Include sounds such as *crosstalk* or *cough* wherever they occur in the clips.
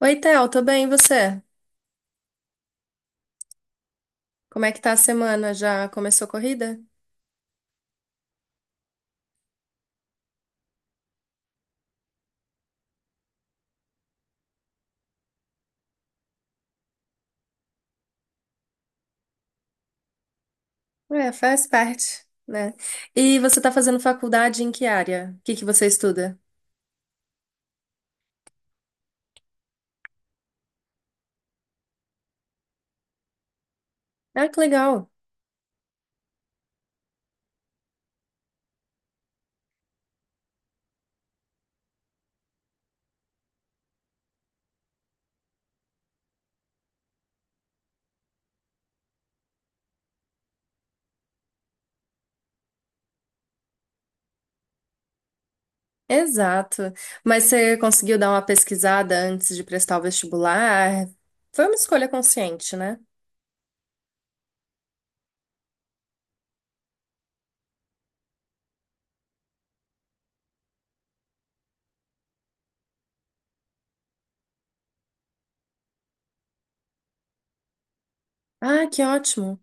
Oi, Theo, tô bem, e você? Como é que tá a semana? Já começou a corrida? É, faz parte, né? E você tá fazendo faculdade em que área? O que que você estuda? Ah, que legal. Exato. Mas você conseguiu dar uma pesquisada antes de prestar o vestibular? Foi uma escolha consciente, né? Ah, que ótimo.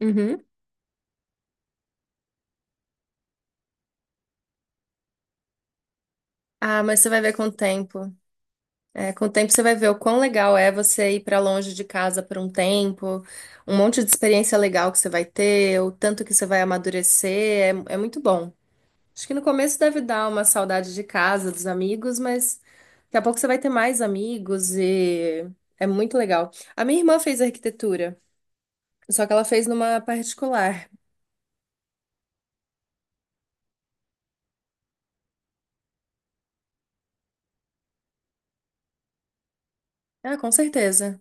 Uhum. Ah, mas você vai ver com o tempo. É, com o tempo você vai ver o quão legal é você ir para longe de casa por um tempo, um monte de experiência legal que você vai ter, o tanto que você vai amadurecer, é muito bom. Acho que no começo deve dar uma saudade de casa, dos amigos, mas daqui a pouco você vai ter mais amigos e é muito legal. A minha irmã fez arquitetura, só que ela fez numa particular. Ah, com certeza.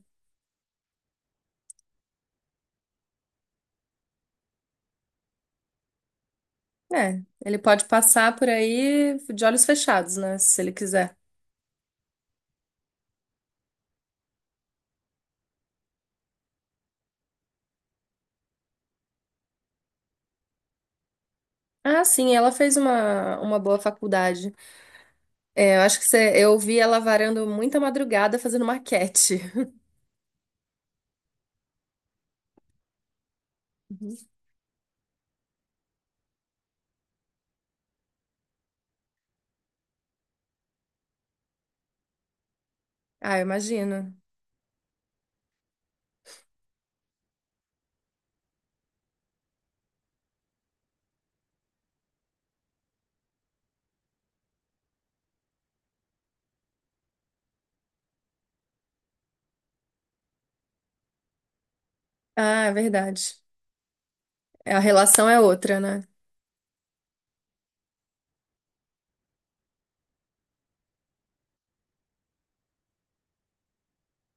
É, ele pode passar por aí de olhos fechados, né, se ele quiser. Ah, sim, ela fez uma boa faculdade. É, eu acho que eu vi ela varando muita madrugada fazendo maquete. Uhum. Ah, eu imagino. Ah, é verdade. É, a relação é outra, né?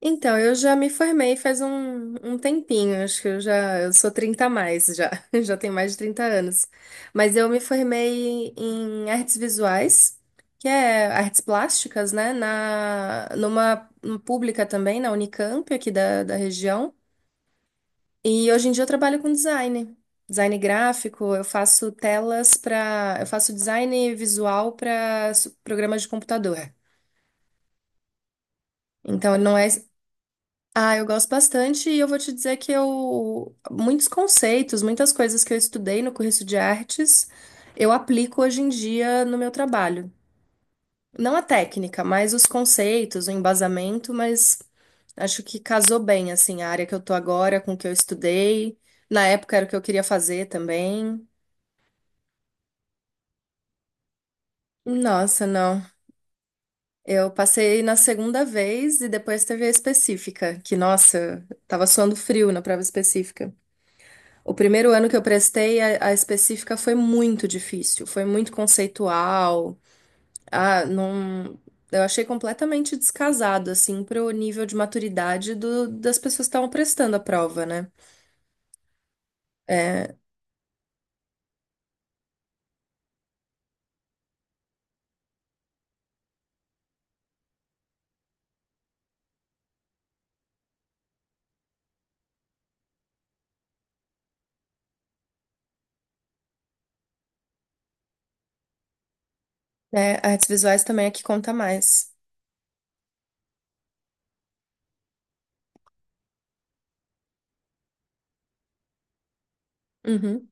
Então, eu já me formei faz um tempinho, acho que eu sou 30 a mais já, *laughs* já tenho mais de 30 anos. Mas eu me formei em artes visuais, que é artes plásticas, né, numa pública também, na Unicamp aqui da região. E hoje em dia eu trabalho com design, design gráfico, eu faço design visual para programas de computador. Então não é, ah, eu gosto bastante e eu vou te dizer que eu muitos conceitos, muitas coisas que eu estudei no curso de artes, eu aplico hoje em dia no meu trabalho. Não a técnica, mas os conceitos, o embasamento, mas acho que casou bem, assim, a área que eu tô agora com o que eu estudei. Na época era o que eu queria fazer também. Nossa, não. Eu passei na segunda vez e depois teve a específica, que, nossa, tava suando frio na prova específica. O primeiro ano que eu prestei, a específica foi muito difícil, foi muito conceitual. Ah, não. Eu achei completamente descasado, assim, pro nível de maturidade das pessoas que estavam prestando a prova, né? É, né, artes visuais também é que conta mais. Uhum.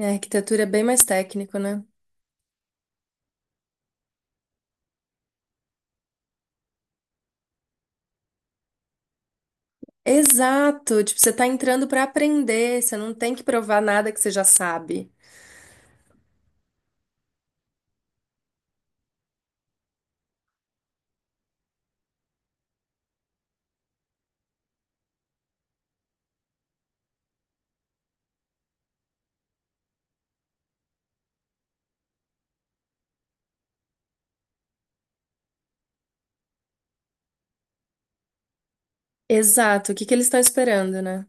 A arquitetura é bem mais técnico, né? Exato, tipo, você tá entrando pra aprender, você não tem que provar nada que você já sabe. Exato, o que que eles estão esperando, né?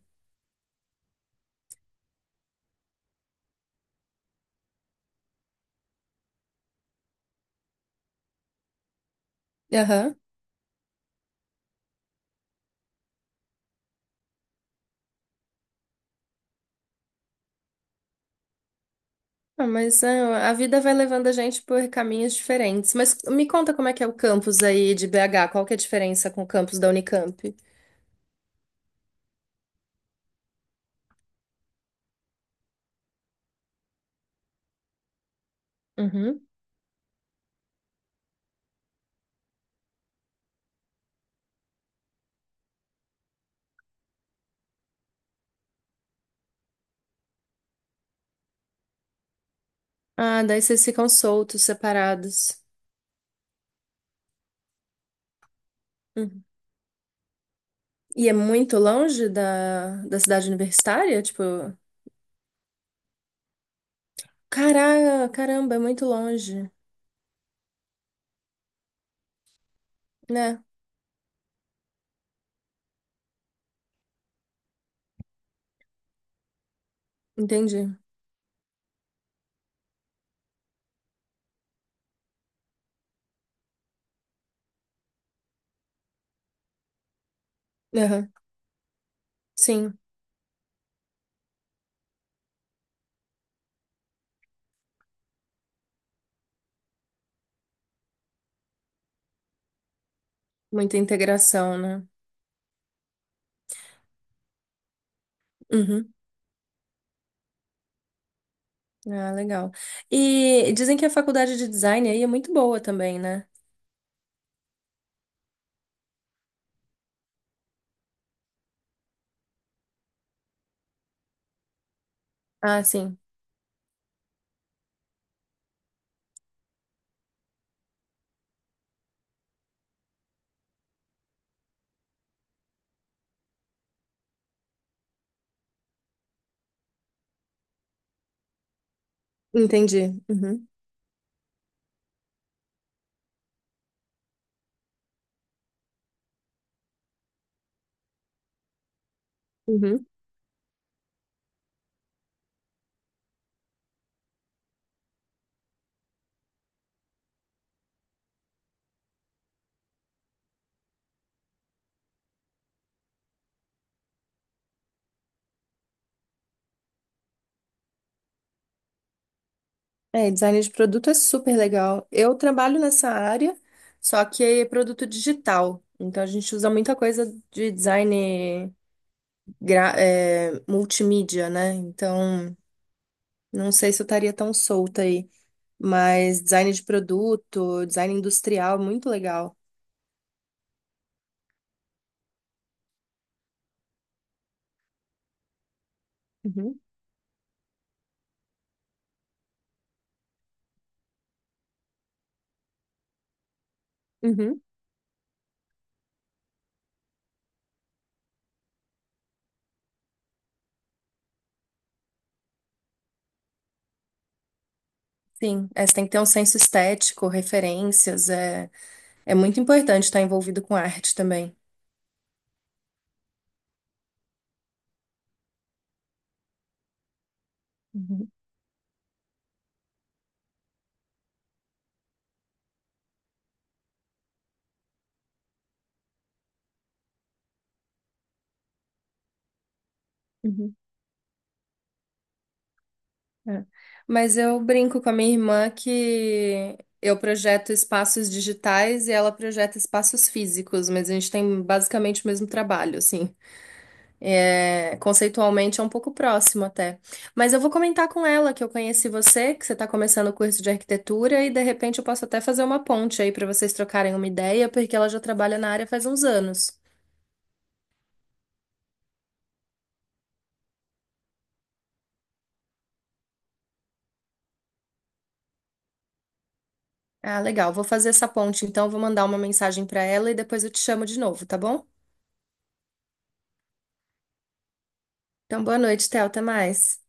Aham. Ah, mas é, a vida vai levando a gente por caminhos diferentes. Mas me conta como é que é o campus aí de BH, qual que é a diferença com o campus da Unicamp? Uhum. Ah, daí vocês ficam soltos, separados. Uhum. E é muito longe da cidade universitária? Tipo, caramba, é muito longe, né? Entendi. Aham. Sim. Muita integração, né? Uhum. Ah, legal. E dizem que a faculdade de design aí é muito boa também, né? Ah, sim. Entendi. Uhum. Uhum. É, design de produto é super legal. Eu trabalho nessa área, só que é produto digital. Então a gente usa muita coisa de design multimídia, né? Então não sei se eu estaria tão solta aí, mas design de produto, design industrial, muito legal. Uhum. Uhum. Sim, é, você tem que ter um senso estético, referências, é muito importante estar envolvido com arte também. Uhum, uhum, é. Mas eu brinco com a minha irmã que eu projeto espaços digitais e ela projeta espaços físicos, mas a gente tem basicamente o mesmo trabalho, assim. É, conceitualmente é um pouco próximo até. Mas eu vou comentar com ela que eu conheci você, que você está começando o curso de arquitetura e de repente eu posso até fazer uma ponte aí para vocês trocarem uma ideia, porque ela já trabalha na área faz uns anos. Ah, legal. Vou fazer essa ponte, então vou mandar uma mensagem para ela e depois eu te chamo de novo, tá bom? Então, boa noite, Theo. Até mais.